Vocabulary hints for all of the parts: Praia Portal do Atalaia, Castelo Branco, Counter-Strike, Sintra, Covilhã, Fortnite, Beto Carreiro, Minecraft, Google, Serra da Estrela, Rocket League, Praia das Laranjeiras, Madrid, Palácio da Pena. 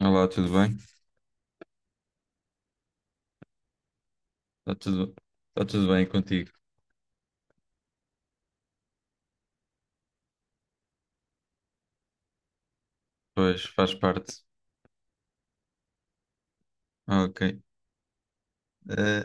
Olá, tudo bem? Está tudo, está tudo bem contigo? Pois, faz parte. Ok. Eh,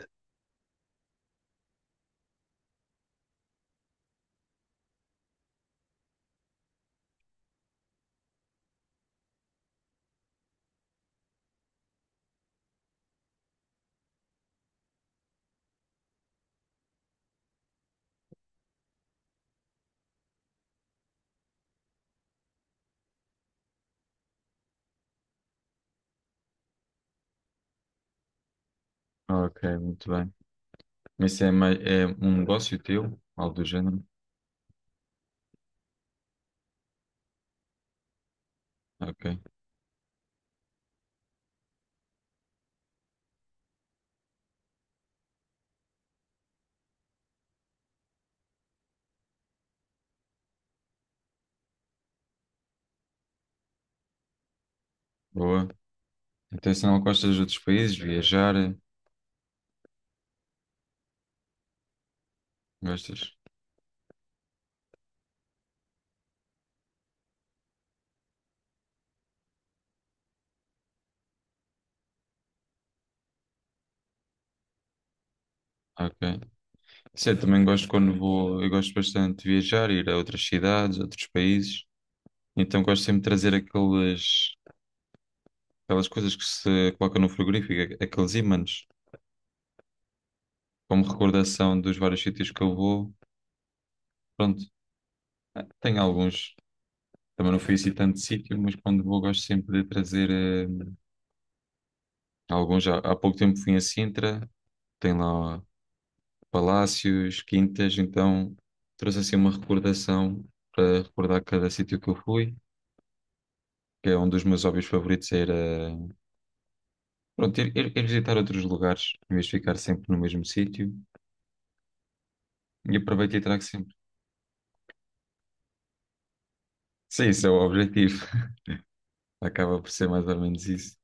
ok, muito bem. Mas isso é, mais, é um negócio teu? Algo do género? Ok, boa. Então, se não gostas de outros países, viajar, gostas? Ok. Sim, eu também gosto quando vou, eu gosto bastante de viajar, ir a outras cidades, outros países. Então, gosto sempre de trazer aquelas, aquelas coisas que se colocam no frigorífico, aqueles ímãs, como recordação dos vários sítios que eu vou. Pronto, tenho alguns, também não fui assim tanto de sítio, mas quando vou gosto sempre de trazer alguns. Já há pouco tempo fui a Sintra, tem lá palácios, quintas, então trouxe assim uma recordação para recordar cada sítio que eu fui, que é um dos meus hobbies favoritos era pronto, ir, ir visitar outros lugares, em vez de ficar sempre no mesmo sítio, e aproveito e trago sempre. Sim, isso é o objetivo, acaba por ser mais ou menos isso.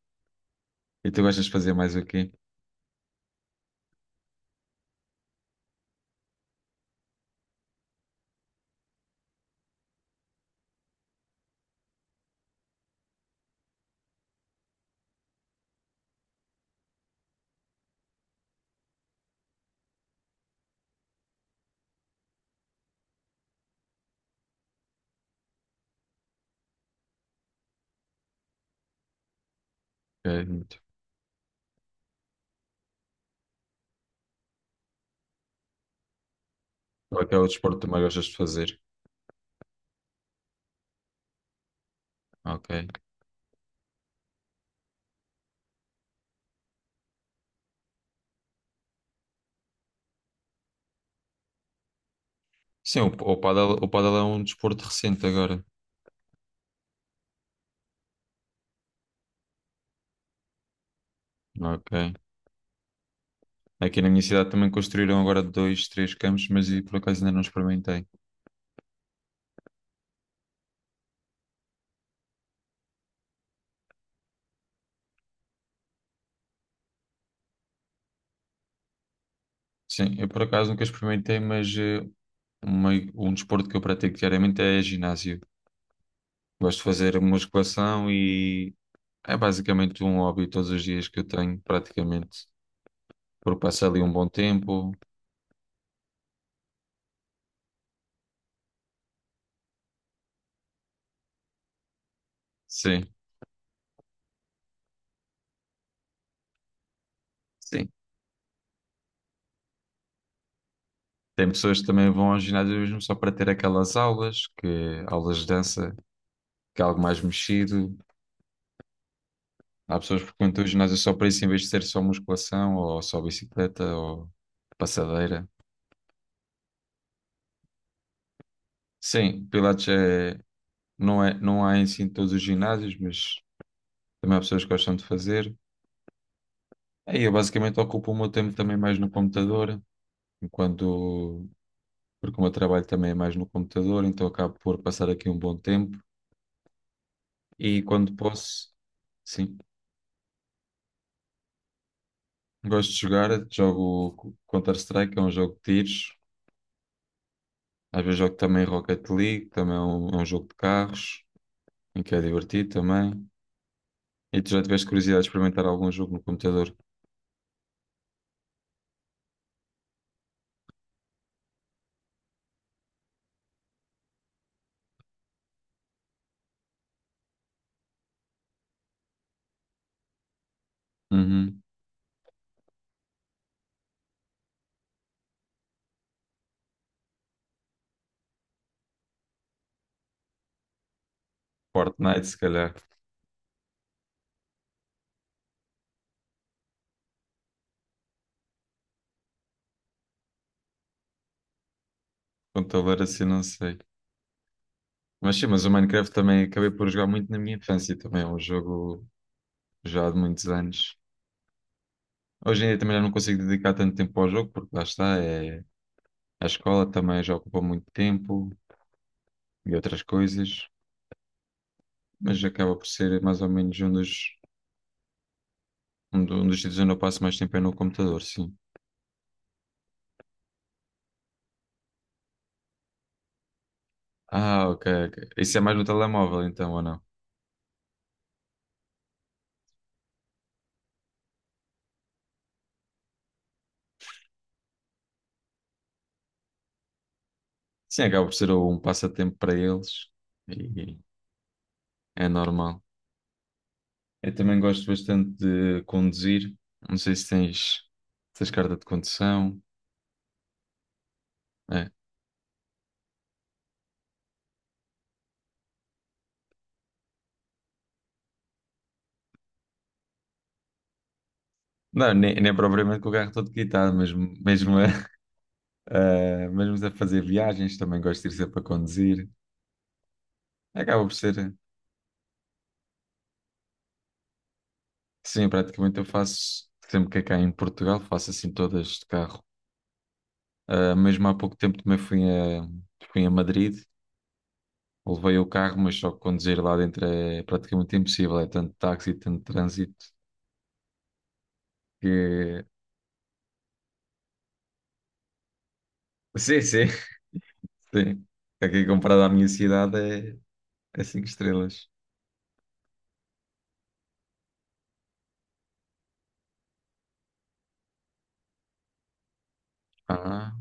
E tu gostas de fazer mais o quê? Ok, muito. Qual é que é o desporto que também gostas de fazer? Ok. Sim, o pádel é um desporto recente agora. Ok. Aqui na minha cidade também construíram agora dois, três campos, mas eu, por acaso, ainda não experimentei. Sim, eu por acaso nunca experimentei, mas um desporto que eu pratico diariamente é ginásio. Gosto de fazer musculação e é basicamente um hobby todos os dias que eu tenho, praticamente. Porque passo ali um bom tempo. Sim, sim. Tem pessoas que também vão ao ginásio mesmo só para ter aquelas aulas, que aulas de dança, que é algo mais mexido. Há pessoas que frequentam o ginásio só para isso, em vez de ser só musculação ou só bicicleta ou passadeira. Sim, pilates é, não há em si em todos os ginásios, mas também há pessoas que gostam de fazer. Aí eu basicamente ocupo o meu tempo também mais no computador, enquanto, porque o meu trabalho também é mais no computador, então acabo por passar aqui um bom tempo. E quando posso, sim, gosto de jogar, jogo Counter-Strike, é um jogo de tiros. Às vezes jogo também Rocket League, também é um jogo de carros, em que é divertido também. E tu já tiveste curiosidade de experimentar algum jogo no computador? Uhum. Fortnite, se calhar. Computador assim, não sei. Mas sim, mas o Minecraft também acabei por jogar muito na minha infância. Também é um jogo já de muitos anos. Hoje em dia também já não consigo dedicar tanto tempo ao jogo, porque lá está, é... a escola também já ocupa muito tempo e outras coisas. Mas acaba por ser mais ou menos um dos, um dos sítios onde eu passo mais tempo é no computador, sim. Ah, ok, ok. Isso é mais no telemóvel, então, ou não? Sim, acaba por ser um passatempo para eles e é normal. Eu também gosto bastante de conduzir. Não sei se tens, se tens carta de condução. É. Não, nem, nem propriamente com o carro todo quitado, mas mesmo a, mesmo a fazer viagens, também gosto de ir sempre a conduzir. Acaba por ser, sim, praticamente eu faço sempre que é cá em Portugal, faço assim todas de carro. Ah, mesmo há pouco tempo também fui a, fui a Madrid. Levei o carro, mas só que conduzir lá dentro é praticamente impossível. É tanto táxi, tanto trânsito que. Sim, sim, sim. Aqui comparado à minha cidade é, é cinco estrelas. Ah,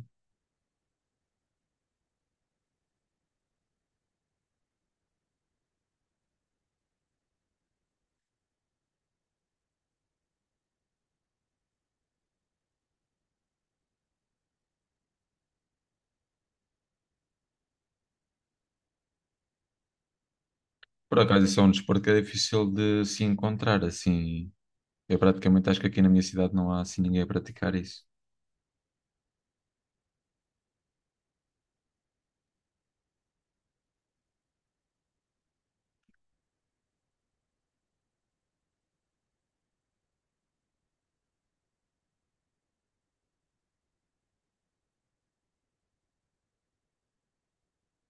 por acaso isso é um desporto que é difícil de se encontrar assim. Eu praticamente acho que aqui na minha cidade não há assim ninguém a praticar isso.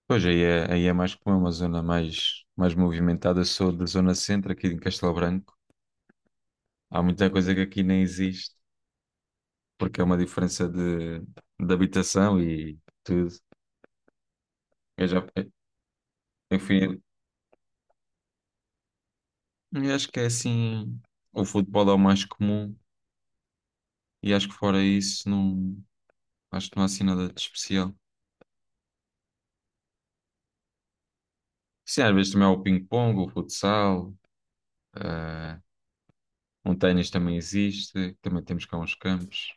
Pois aí é mais como é uma zona mais, mais movimentada. Eu sou da zona centro aqui em Castelo Branco. Há muita coisa que aqui nem existe, porque é uma diferença de habitação e tudo. Eu já, eu fui, eu acho que é assim, o futebol é o mais comum e acho que fora isso não, acho que não há assim nada de especial. Sim, às vezes também há o ping-pong, o futsal, eh, um ténis também existe, também temos cá uns campos.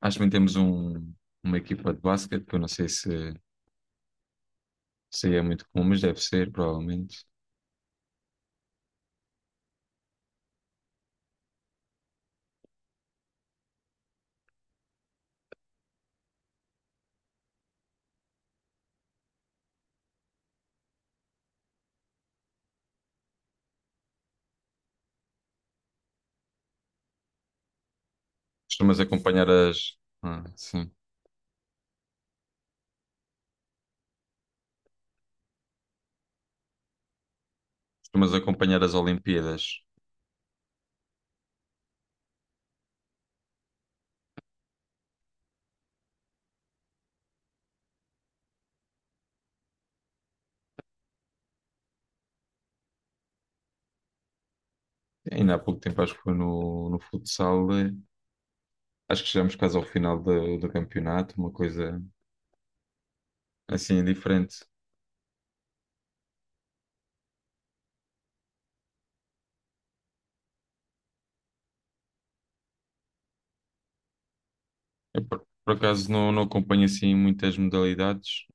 Acho que também temos um, uma equipa de basquete, que eu não sei se, se aí é muito comum, mas deve ser, provavelmente. Costumas acompanhar as, ah, sim, costumas acompanhar as Olimpíadas. Ainda há pouco tempo acho que foi no, no futsal acho que chegamos quase ao final do, do campeonato, uma coisa assim diferente. Eu, por acaso, não, não acompanho assim muitas modalidades,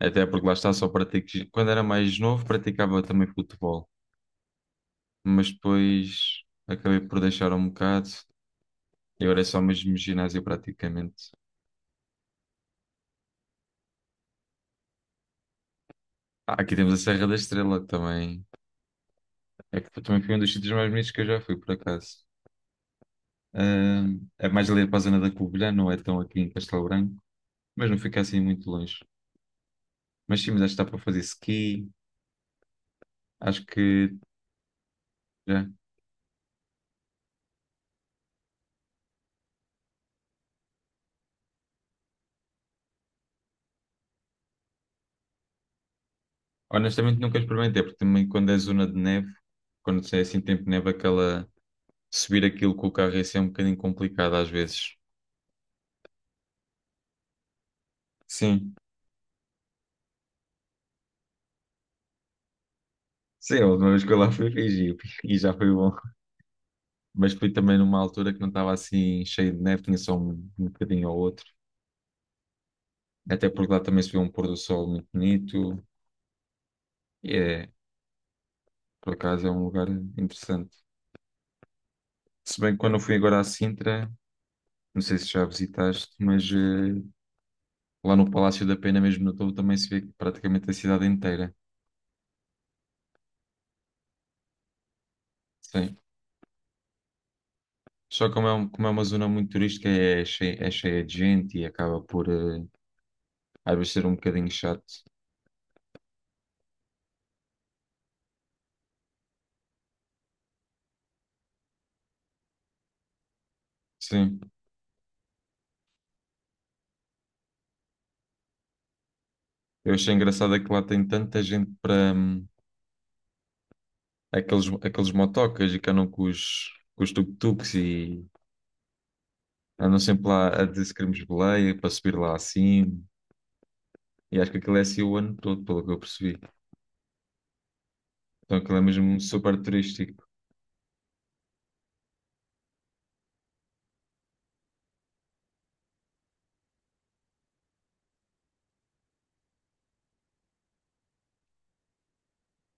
até porque lá está, só pratico. Quando era mais novo, praticava também futebol, mas depois acabei por deixar um bocado e agora é só mesmo ginásio praticamente. Ah, aqui temos a Serra da Estrela que também. É que também foi um dos sítios mais bonitos que eu já fui, por acaso. Ah, é mais ali para a zona da Covilhã, não é tão aqui em Castelo Branco, mas não fica assim muito longe. Mas sim, mas acho que dá para fazer ski, acho que já. Honestamente nunca experimentei, porque também quando é zona de neve, quando é assim tempo de neve, aquela subir aquilo com o carro é ser um bocadinho complicado às vezes. Sim. Sim, a última vez que eu lá fui fiz e já foi bom. Mas fui também numa altura que não estava assim cheio de neve, tinha só um, um bocadinho ou outro. Até porque lá também se vê um pôr do sol muito bonito. E é, por acaso é um lugar interessante. Se bem que quando eu fui agora à Sintra, não sei se já visitaste, mas lá no Palácio da Pena, mesmo no topo, também se vê praticamente a cidade inteira. Sim. Só como é, como é uma zona muito turística, é cheia de gente e acaba por às vezes ser um bocadinho chato. Sim. Eu achei engraçado é que lá tem tanta gente para aqueles, aqueles motocas e que andam com os tuk-tuks e andam sempre lá a dizer se queremos boleia para subir lá acima. E acho que aquilo é assim o ano todo, pelo que eu percebi. Então aquilo é mesmo super turístico.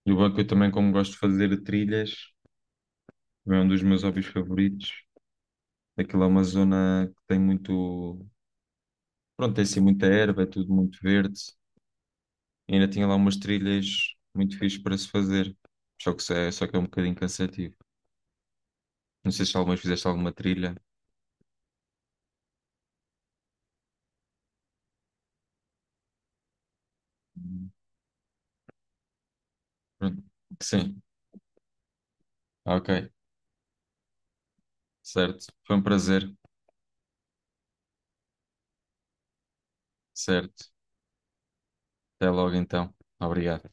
E o banco eu também, como gosto de fazer trilhas. Também é um dos meus hobbies favoritos. Aquilo é uma zona que tem muito. Pronto, tem assim muita erva, é tudo muito verde. E ainda tinha lá umas trilhas muito fixes para se fazer. Só que, é, só que é um bocadinho cansativo. Não sei se alguma vez fizeste alguma trilha. Pronto. Sim, ok, certo. Foi um prazer, certo. Até logo então. Obrigado.